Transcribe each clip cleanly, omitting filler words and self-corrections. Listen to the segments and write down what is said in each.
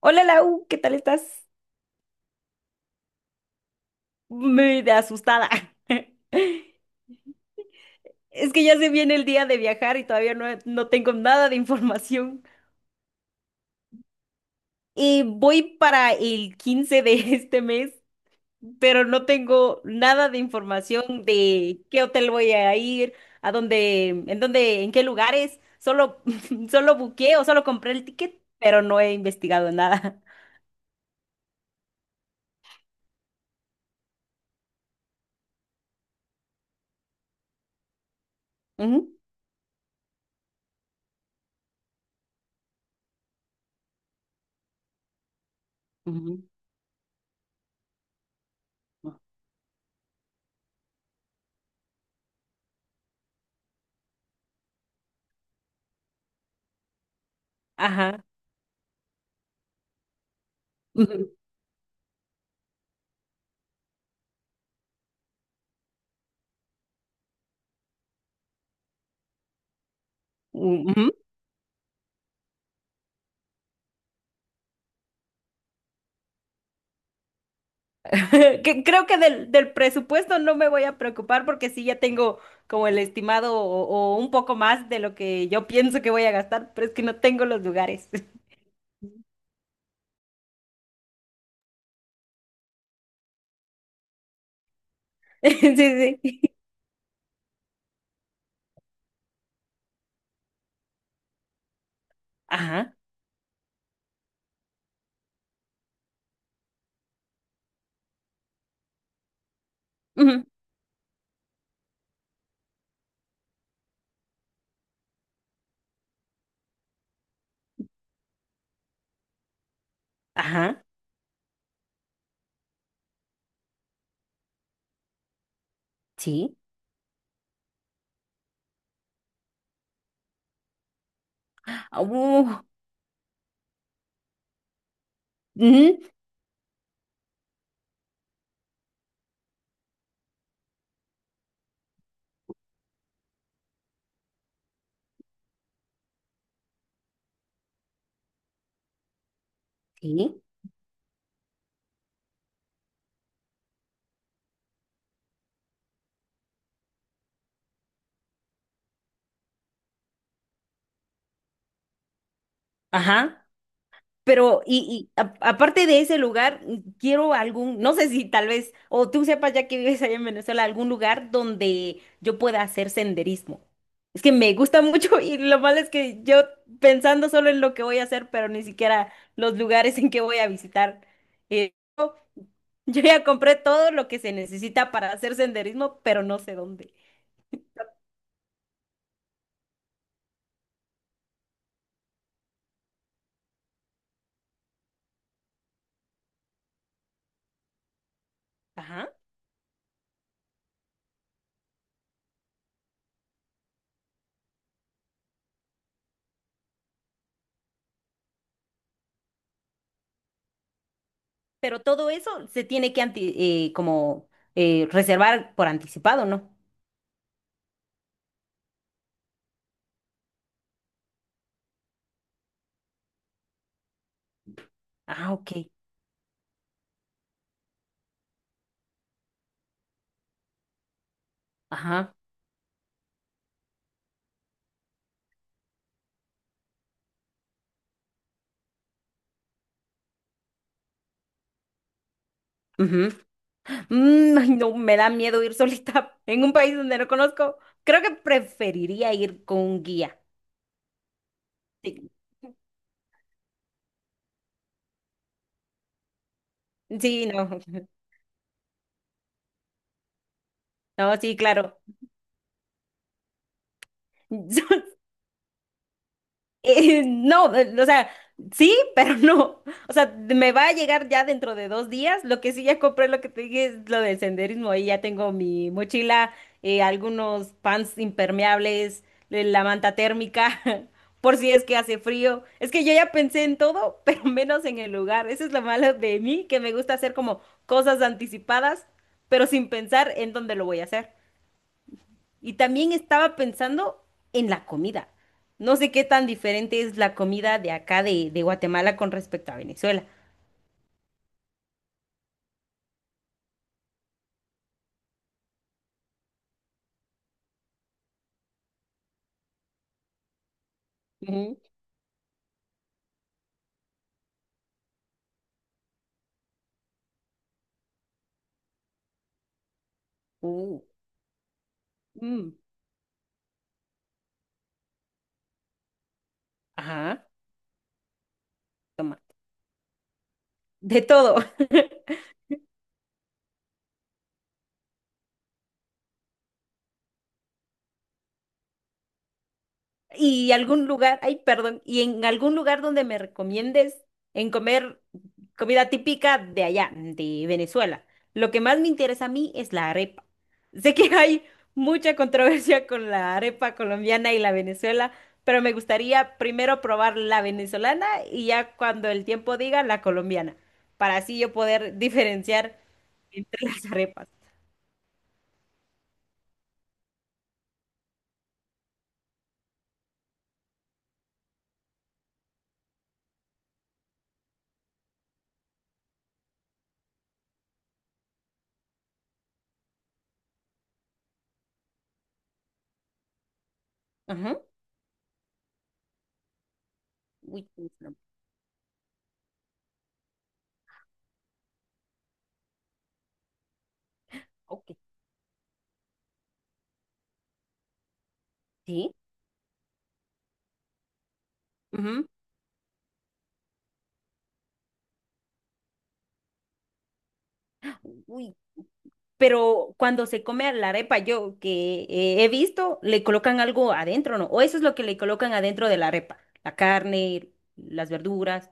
Hola Lau, ¿qué tal estás? Me de asustada. Es que ya se viene el día de viajar y todavía no tengo nada de información. Y voy para el 15 de este mes, pero no tengo nada de información de qué hotel voy a ir, a dónde, en dónde, en qué lugares. Solo, solo buqué o solo compré el ticket, pero no he investigado nada. Ujú, ujú, ajá. Ujú, ujú, que creo que del presupuesto no me voy a preocupar porque sí ya tengo como el estimado o un poco más de lo que yo pienso que voy a gastar, pero es que no tengo los lugares. Sí, sí. Ajá. Ujú, ajá. Sí. ah, uh, ujú, sí. Ajá. Pero, y aparte de ese lugar, quiero algún, no sé si tal vez, o tú sepas ya que vives allá en Venezuela, algún lugar donde yo pueda hacer senderismo. Es que me gusta mucho y lo malo es que yo pensando solo en lo que voy a hacer, pero ni siquiera los lugares en que voy a visitar. Eh, yo yo ya compré todo lo que se necesita para hacer senderismo, pero no sé dónde. Ajá. Pero todo eso se tiene que como reservar por anticipado, ¿no? Ah, ok. Ajá. Ujú. Ay, no, me da miedo ir solita en un país donde no conozco. Creo que preferiría ir con un guía. Sí, sí, no. No, sí, claro. No, o sea, sí, pero no. O sea, me va a llegar ya dentro de 2 días. Lo que sí ya compré, lo que te dije es lo del senderismo. Ahí ya tengo mi mochila, algunos pants impermeables, la manta térmica, por si es que hace frío. Es que yo ya pensé en todo, pero menos en el lugar. Eso es lo malo de mí, que me gusta hacer como cosas anticipadas, pero sin pensar en dónde lo voy a hacer. Y también estaba pensando en la comida. No sé qué tan diferente es la comida de acá de Guatemala con respecto a Venezuela. Ujú. Uh, Mm, ajá, toma. De todo. Y algún lugar, ay, perdón, y en algún lugar donde me recomiendes en comer comida típica de allá, de Venezuela. Lo que más me interesa a mí es la arepa. Sé que hay mucha controversia con la arepa colombiana y la Venezuela, pero me gustaría primero probar la venezolana y ya cuando el tiempo diga la colombiana, para así yo poder diferenciar entre las arepas. Ajá. Uy, ¿cómo se llama? Ok. Sí. Ujú. Uy, pero cuando se come a la arepa, yo que he visto, le colocan algo adentro, ¿no? O eso es lo que le colocan adentro de la arepa, la carne, las verduras,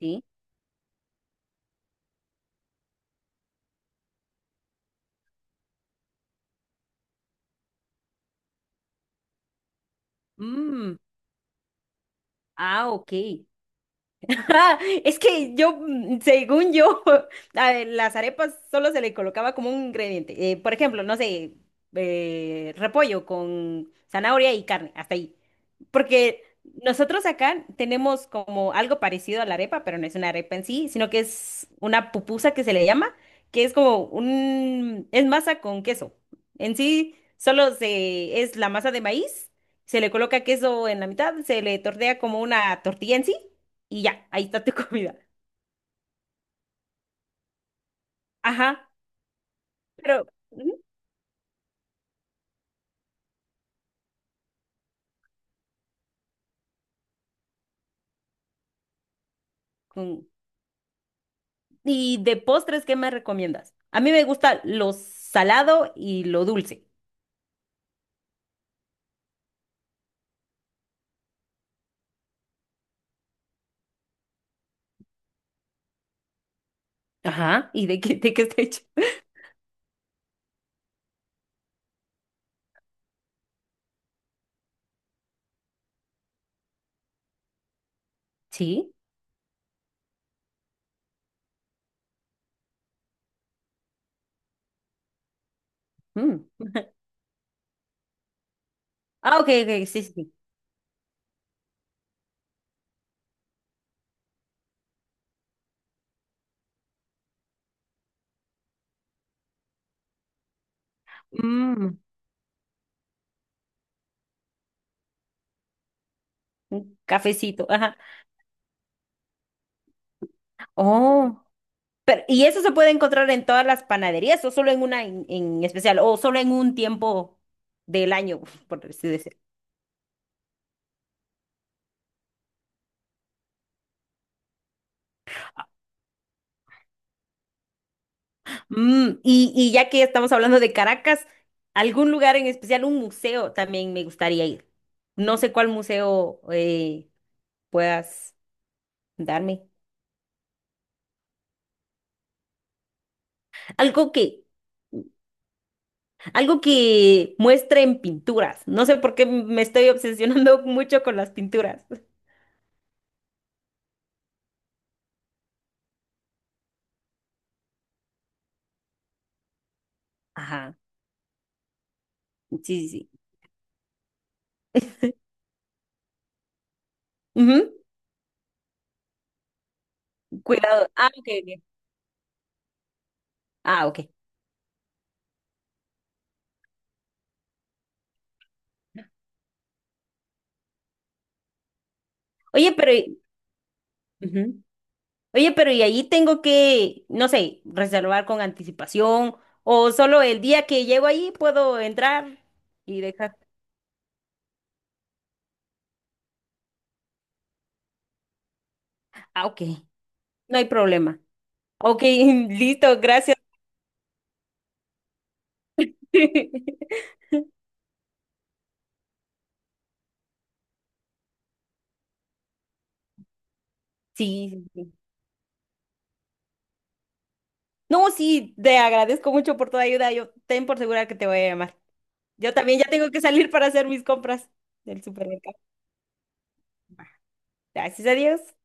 ¿sí? Mm, ah, ok. Ah, es que yo, según yo, a ver, las arepas solo se le colocaba como un ingrediente. Por ejemplo, no sé, repollo con zanahoria y carne, hasta ahí. Porque nosotros acá tenemos como algo parecido a la arepa, pero no es una arepa en sí, sino que es una pupusa que se le llama, que es como un, es masa con queso. En sí, solo se, es la masa de maíz, se le coloca queso en la mitad, se le tortea como una tortilla en sí y ya, ahí está tu comida. Ajá, pero ujú, con- ¿Y de postres qué me recomiendas? A mí me gusta lo salado y lo dulce. Ajá, ¿y de qué está hecho? Sí. Mm. Ah, ok, ok, sí, sí. Sí. Mm, un cafecito, ajá. Oh, pero ¿y eso se puede encontrar en todas las panaderías o solo en una en especial o solo en un tiempo del año, por decir. Mm, y ya que estamos hablando de Caracas, algún lugar en especial, un museo también me gustaría ir. No sé cuál museo puedas darme. Algo que, algo que muestre en pinturas. No sé por qué me estoy obsesionando mucho con las pinturas. Ajá, sí, sí, sí. Ujú, cuidado. Ah, ok, ok. Ah, ok. Oye, pero... ujú. Oye, pero ¿y ahí tengo que, no sé, reservar con anticipación o solo el día que llego ahí puedo entrar y dejar? Ah, ok, no hay problema. Ok, listo, gracias. Sí, sí, sí. No, sí, te agradezco mucho por toda ayuda. Yo ten por segura que te voy a llamar. Yo también ya tengo que salir para hacer mis compras del supermercado. Gracias a Dios.